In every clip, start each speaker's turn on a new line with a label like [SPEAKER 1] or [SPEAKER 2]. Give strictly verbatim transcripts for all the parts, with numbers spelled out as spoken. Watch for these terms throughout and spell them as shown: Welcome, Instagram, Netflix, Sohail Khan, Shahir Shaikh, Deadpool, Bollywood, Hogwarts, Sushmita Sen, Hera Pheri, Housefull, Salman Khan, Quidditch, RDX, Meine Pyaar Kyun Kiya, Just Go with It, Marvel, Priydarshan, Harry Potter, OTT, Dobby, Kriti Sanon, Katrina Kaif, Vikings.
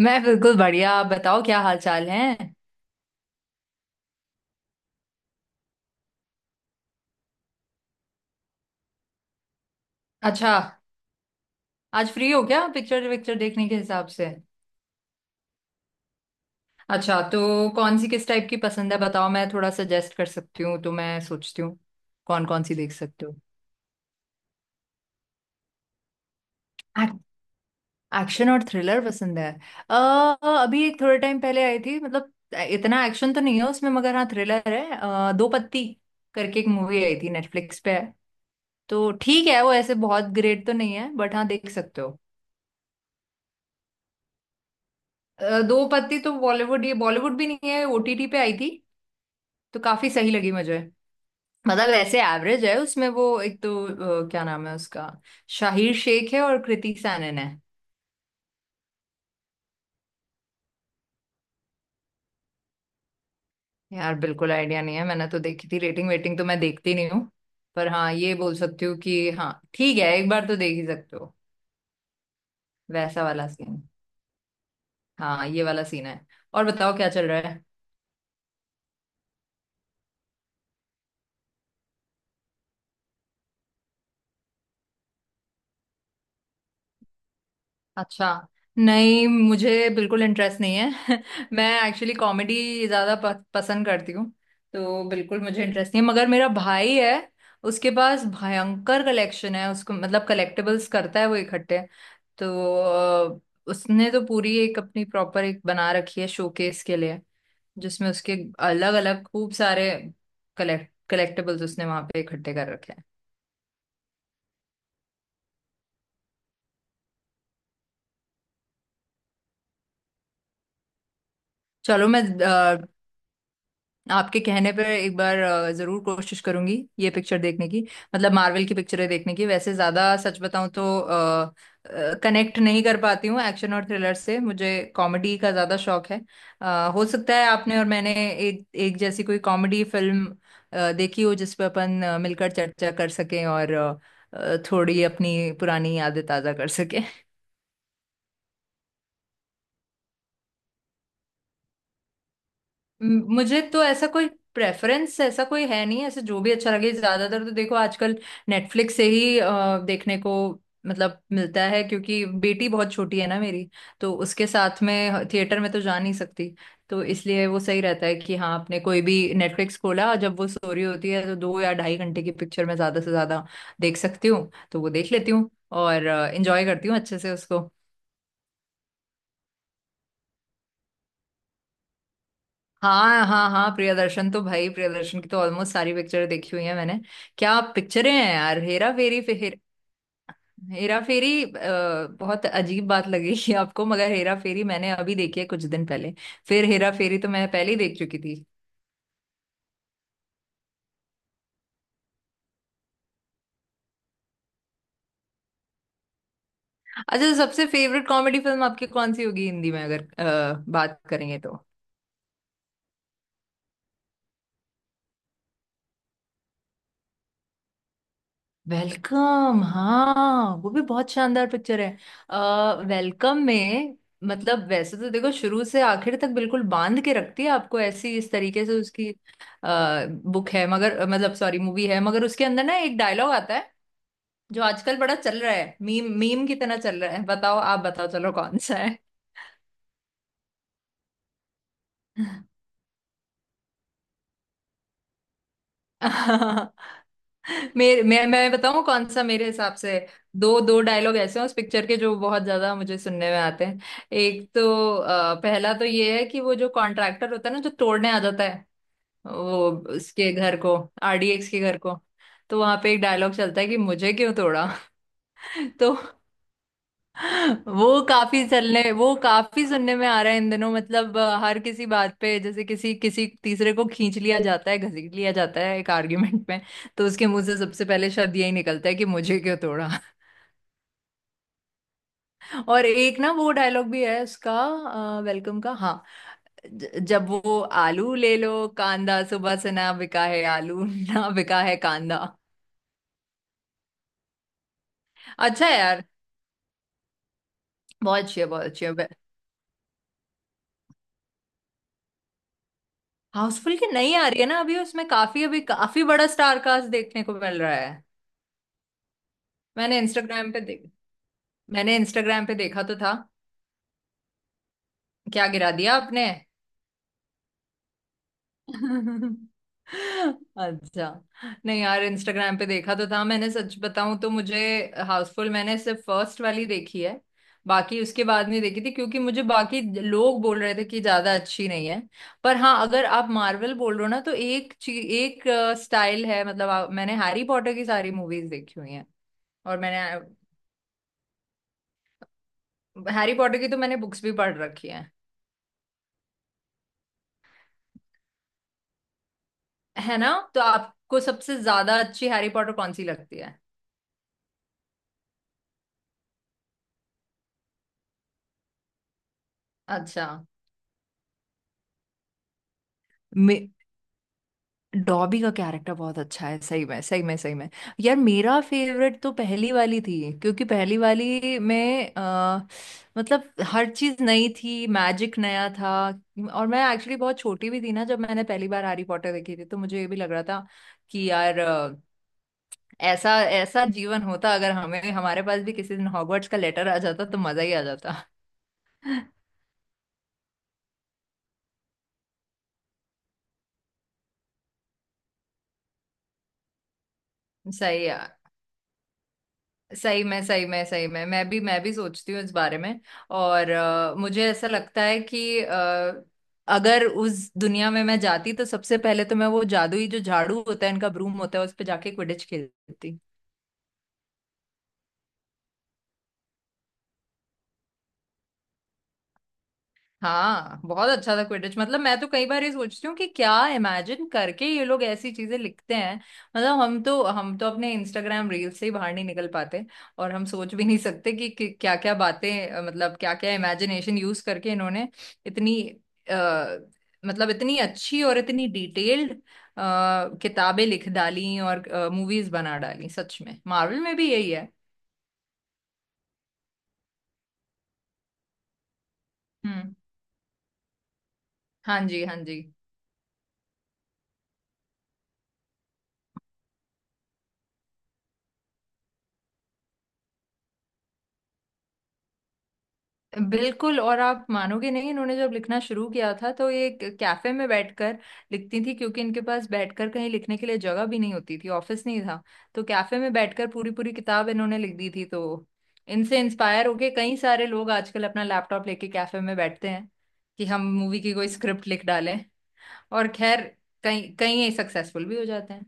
[SPEAKER 1] मैं बिल्कुल बढ़िया। आप बताओ क्या हाल चाल है। अच्छा, आज फ्री हो क्या पिक्चर विक्चर देखने के हिसाब से। अच्छा, तो कौन सी किस टाइप की पसंद है बताओ, मैं थोड़ा सजेस्ट कर सकती हूँ, तो मैं सोचती हूँ कौन कौन सी देख सकते हो। एक्शन और थ्रिलर पसंद है। अ, अभी एक थोड़े टाइम पहले आई थी, मतलब इतना एक्शन तो नहीं है उसमें मगर हाँ थ्रिलर है। अ, दो पत्ती करके एक मूवी आई थी, नेटफ्लिक्स पे है। तो ठीक है, वो ऐसे बहुत ग्रेट तो नहीं है बट हाँ देख सकते हो। अ, दो पत्ती तो बॉलीवुड, ये बॉलीवुड भी नहीं है, ओटीटी पे आई थी। तो काफी सही लगी मुझे। मतलब ऐसे एवरेज है, उसमें वो एक तो अ, क्या नाम है उसका, शाहिर शेख है और कृति सैनन है। यार बिल्कुल आइडिया नहीं है, मैंने तो देखी थी, रेटिंग वेटिंग तो मैं देखती नहीं हूँ। पर हाँ, ये बोल सकती हूँ कि हाँ ठीक है एक बार तो देख ही सकते हो। वैसा वाला सीन, हाँ ये वाला सीन है। और बताओ क्या चल रहा है। अच्छा। नहीं, मुझे बिल्कुल इंटरेस्ट नहीं है। मैं एक्चुअली कॉमेडी ज्यादा प, पसंद करती हूँ। तो बिल्कुल मुझे इंटरेस्ट नहीं है, मगर मेरा भाई है। उसके पास भयंकर कलेक्शन है, उसको मतलब कलेक्टिबल्स करता है वो इकट्ठे। तो अ, उसने तो पूरी एक अपनी प्रॉपर एक बना रखी है शोकेस के लिए, जिसमें उसके अलग अलग खूब सारे कलेक्ट कलेक्टिबल्स उसने वहां पे इकट्ठे कर रखे हैं। चलो मैं आपके कहने पर एक बार अ, जरूर कोशिश करूंगी ये पिक्चर देखने की, मतलब मार्वल की पिक्चरें देखने की। वैसे ज्यादा सच बताऊं तो कनेक्ट नहीं कर पाती हूँ एक्शन और थ्रिलर से, मुझे कॉमेडी का ज्यादा शौक है। अ, हो सकता है आपने और मैंने एक एक जैसी कोई कॉमेडी फिल्म देखी हो जिस पर अपन अ, मिलकर चर्चा कर सकें, और अ, अ, थोड़ी अपनी पुरानी यादें ताजा कर सकें। म- मुझे तो ऐसा कोई प्रेफरेंस ऐसा कोई है नहीं, ऐसे जो भी अच्छा लगे। ज्यादातर तो देखो आजकल नेटफ्लिक्स से ही अ, देखने को मतलब मिलता है, क्योंकि बेटी बहुत छोटी है ना मेरी, तो उसके साथ में थिएटर में तो जा नहीं सकती। तो इसलिए वो सही रहता है कि हाँ, आपने कोई भी नेटफ्लिक्स खोला जब वो सो रही होती है, तो दो या ढाई घंटे की पिक्चर मैं ज्यादा से ज्यादा देख सकती हूँ तो वो देख लेती हूँ, और इंजॉय करती हूँ अच्छे से उसको। हाँ हाँ हाँ, प्रियदर्शन तो भाई, प्रियदर्शन की तो ऑलमोस्ट सारी पिक्चर देखी हुई है मैंने। क्या पिक्चरें हैं यार, हेरा फेरी, फिर हेरा फेरी। अ, बहुत अजीब बात लगेगी आपको, मगर हेरा फेरी मैंने अभी देखी है कुछ दिन पहले, फिर हेरा फेरी तो मैं पहले ही देख चुकी थी। अच्छा, सबसे फेवरेट कॉमेडी फिल्म आपकी कौन सी होगी हिंदी में अगर अ, बात करेंगे तो। वेलकम, हाँ वो भी बहुत शानदार पिक्चर है। अ, वेलकम में मतलब वैसे तो देखो शुरू से आखिर तक बिल्कुल बांध के रखती है आपको, ऐसी इस तरीके से उसकी आ, बुक है, मगर मतलब सॉरी मूवी है, मगर उसके अंदर ना एक डायलॉग आता है जो आजकल बड़ा चल रहा है, मीम मीम की तरह चल रहा है। बताओ, आप बताओ चलो कौन सा है। मेरे मैं मैं बताऊं कौन सा मेरे हिसाब से। दो दो डायलॉग ऐसे हैं उस पिक्चर के जो बहुत ज्यादा मुझे सुनने में आते हैं। एक तो अ, पहला तो ये है कि वो जो कॉन्ट्रैक्टर होता है ना जो तोड़ने आ जाता है, वो उसके घर को, आरडीएक्स के घर को, तो वहां पे एक डायलॉग चलता है कि मुझे क्यों तोड़ा। तो वो काफी चलने वो काफी सुनने में आ रहा है इन दिनों। मतलब अ, हर किसी बात पे जैसे किसी किसी तीसरे को खींच लिया जाता है, घसीट लिया जाता है एक आर्ग्यूमेंट में, तो उसके मुंह से सबसे पहले शब्द यही निकलता है कि मुझे क्यों तोड़ा। और एक ना वो डायलॉग भी है उसका, वेलकम का, हाँ, ज- जब वो आलू ले लो कांदा, सुबह से ना बिका है आलू ना बिका है कांदा। अच्छा है यार, बहुत अच्छी है बहुत अच्छी है। हाउसफुल की नई आ रही है ना अभी, उसमें काफी अभी काफी बड़ा स्टार कास्ट देखने को मिल रहा है। मैंने इंस्टाग्राम पे देख मैंने इंस्टाग्राम पे देखा तो था। क्या गिरा दिया आपने। अच्छा, नहीं यार इंस्टाग्राम पे देखा तो था मैंने, सच बताऊं तो मुझे हाउसफुल मैंने सिर्फ फर्स्ट वाली देखी है, बाकी उसके बाद नहीं देखी थी क्योंकि मुझे बाकी लोग बोल रहे थे कि ज्यादा अच्छी नहीं है। पर हाँ, अगर आप मार्वल बोल रहे हो ना, तो एक ची, एक स्टाइल है। मतलब आ, मैंने हैरी पॉटर की सारी मूवीज देखी हुई हैं, और मैंने हैरी पॉटर की तो मैंने बुक्स भी पढ़ रखी है ना। तो आपको सबसे ज्यादा अच्छी हैरी पॉटर कौन सी लगती है। अच्छा, मे डॉबी का कैरेक्टर बहुत अच्छा है, सही में सही में सही में। यार मेरा फेवरेट तो पहली वाली थी, क्योंकि पहली वाली में अ, मतलब हर चीज नई थी, मैजिक नया था। और मैं एक्चुअली बहुत छोटी भी थी ना जब मैंने पहली बार हैरी पॉटर देखी थी, तो मुझे ये भी लग रहा था कि यार अ, ऐसा ऐसा जीवन होता, अगर हमें हमारे पास भी किसी दिन हॉगवर्ट्स का लेटर आ जाता तो मजा ही आ जाता। सही है, सही में सही में सही में, मैं भी मैं भी सोचती हूँ इस बारे में। और अ, मुझे ऐसा लगता है कि अ, अगर उस दुनिया में मैं जाती तो सबसे पहले तो मैं वो जादुई जो झाड़ू होता है इनका, ब्रूम होता है, उस पे जाके क्विडिच खेलती। हाँ बहुत अच्छा था क्विडिच, मतलब मैं तो कई बार ये सोचती हूँ कि क्या इमेजिन करके ये लोग ऐसी चीजें लिखते हैं। मतलब हम तो हम तो अपने इंस्टाग्राम रील से ही बाहर नहीं निकल पाते, और हम सोच भी नहीं सकते कि, कि क्या क्या बातें अ, मतलब क्या क्या इमेजिनेशन यूज करके इन्होंने इतनी आ, मतलब इतनी अच्छी और इतनी डिटेल्ड किताबें लिख डाली और मूवीज बना डाली। सच में मार्वल में भी यही है। हम्म। हाँ जी हाँ जी। बिल्कुल, और आप मानोगे नहीं, इन्होंने जब लिखना शुरू किया था तो ये एक कैफे में बैठकर लिखती थी, क्योंकि इनके पास बैठकर कहीं लिखने के लिए जगह भी नहीं होती थी, ऑफिस नहीं था। तो कैफे में बैठकर पूरी पूरी किताब इन्होंने लिख दी थी। तो इनसे इंस्पायर होके कई सारे लोग आजकल अपना लैपटॉप लेके कैफे में बैठते हैं कि हम मूवी की कोई स्क्रिप्ट लिख डालें, और खैर कई कई सक्सेसफुल भी हो जाते हैं।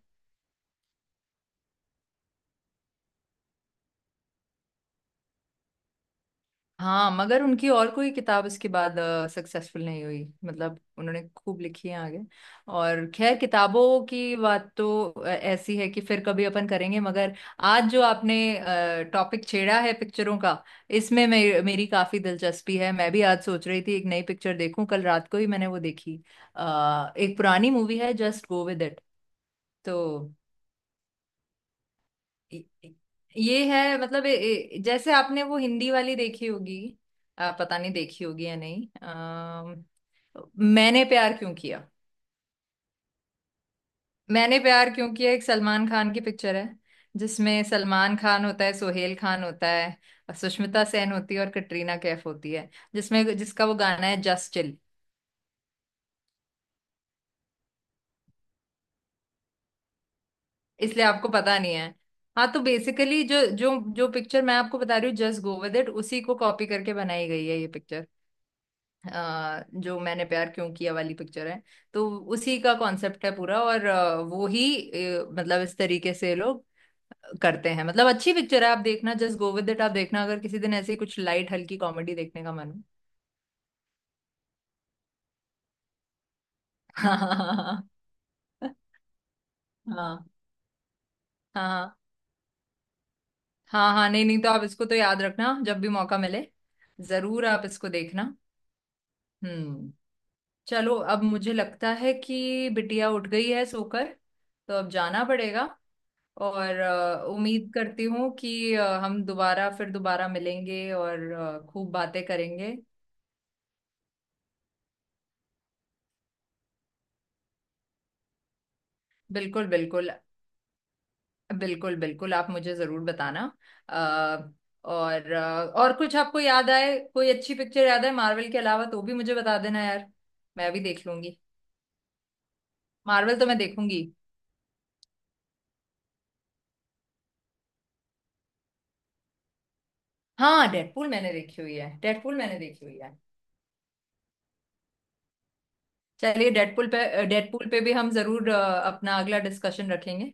[SPEAKER 1] हाँ, मगर उनकी और कोई किताब इसके बाद सक्सेसफुल नहीं हुई, मतलब उन्होंने खूब लिखी है आगे। और खैर, किताबों की बात तो अ, ऐसी है कि फिर कभी अपन करेंगे, मगर आज जो आपने टॉपिक छेड़ा है पिक्चरों का, इसमें मे, मेरी काफी दिलचस्पी है। मैं भी आज सोच रही थी एक नई पिक्चर देखूं, कल रात को ही मैंने वो देखी। आ, एक पुरानी मूवी है जस्ट गो विद इट। तो ये ये है मतलब ए- ए- जैसे आपने वो हिंदी वाली देखी होगी, आ, पता नहीं देखी होगी या नहीं। अम, मैंने प्यार क्यों किया। मैंने प्यार क्यों किया एक सलमान खान की पिक्चर है, जिसमें सलमान खान होता है, सोहेल खान होता है, और सुष्मिता सेन होती है और कटरीना कैफ होती है, जिसमें जिसका वो गाना है जस्ट चिल। इसलिए आपको पता नहीं है। हाँ, तो बेसिकली जो जो जो पिक्चर मैं आपको बता रही हूँ जस्ट गो विद इट, उसी को कॉपी करके बनाई गई है ये पिक्चर। अ, जो मैंने प्यार क्यों किया वाली पिक्चर है, तो उसी का कॉन्सेप्ट है पूरा, और अ, वो ही अ, मतलब इस तरीके से लोग करते हैं। मतलब अच्छी पिक्चर है, आप देखना जस्ट गो विद इट, आप देखना अगर किसी दिन ऐसी कुछ लाइट हल्की कॉमेडी देखने का मन हो। हाँ। हाँ हाँ। हाँ हाँ नहीं नहीं, तो आप इसको तो याद रखना, जब भी मौका मिले जरूर आप इसको देखना। हम्म। चलो अब मुझे लगता है कि बिटिया उठ गई है सोकर, तो अब जाना पड़ेगा। और अ, उम्मीद करती हूँ कि अ, हम दोबारा फिर दोबारा मिलेंगे और अ, खूब बातें करेंगे। बिल्कुल बिल्कुल। बिल्कुल बिल्कुल, आप मुझे जरूर बताना। अ, और अ, और कुछ आपको याद आए, कोई अच्छी पिक्चर याद आए मार्वल के अलावा, तो भी मुझे बता देना यार, मैं भी देख लूंगी। मार्वल तो मैं देखूंगी। हाँ डेडपूल मैंने देखी हुई है, डेडपूल मैंने देखी हुई है। चलिए डेडपूल पे, डेडपूल पे भी हम जरूर अ, अपना अगला डिस्कशन रखेंगे।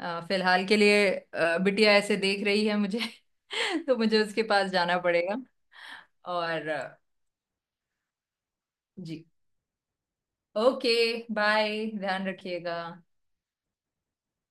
[SPEAKER 1] अ, फिलहाल के लिए अ, बिटिया ऐसे देख रही है मुझे। तो मुझे उसके पास जाना पड़ेगा। और अ, जी, ओके, बाय, ध्यान रखिएगा।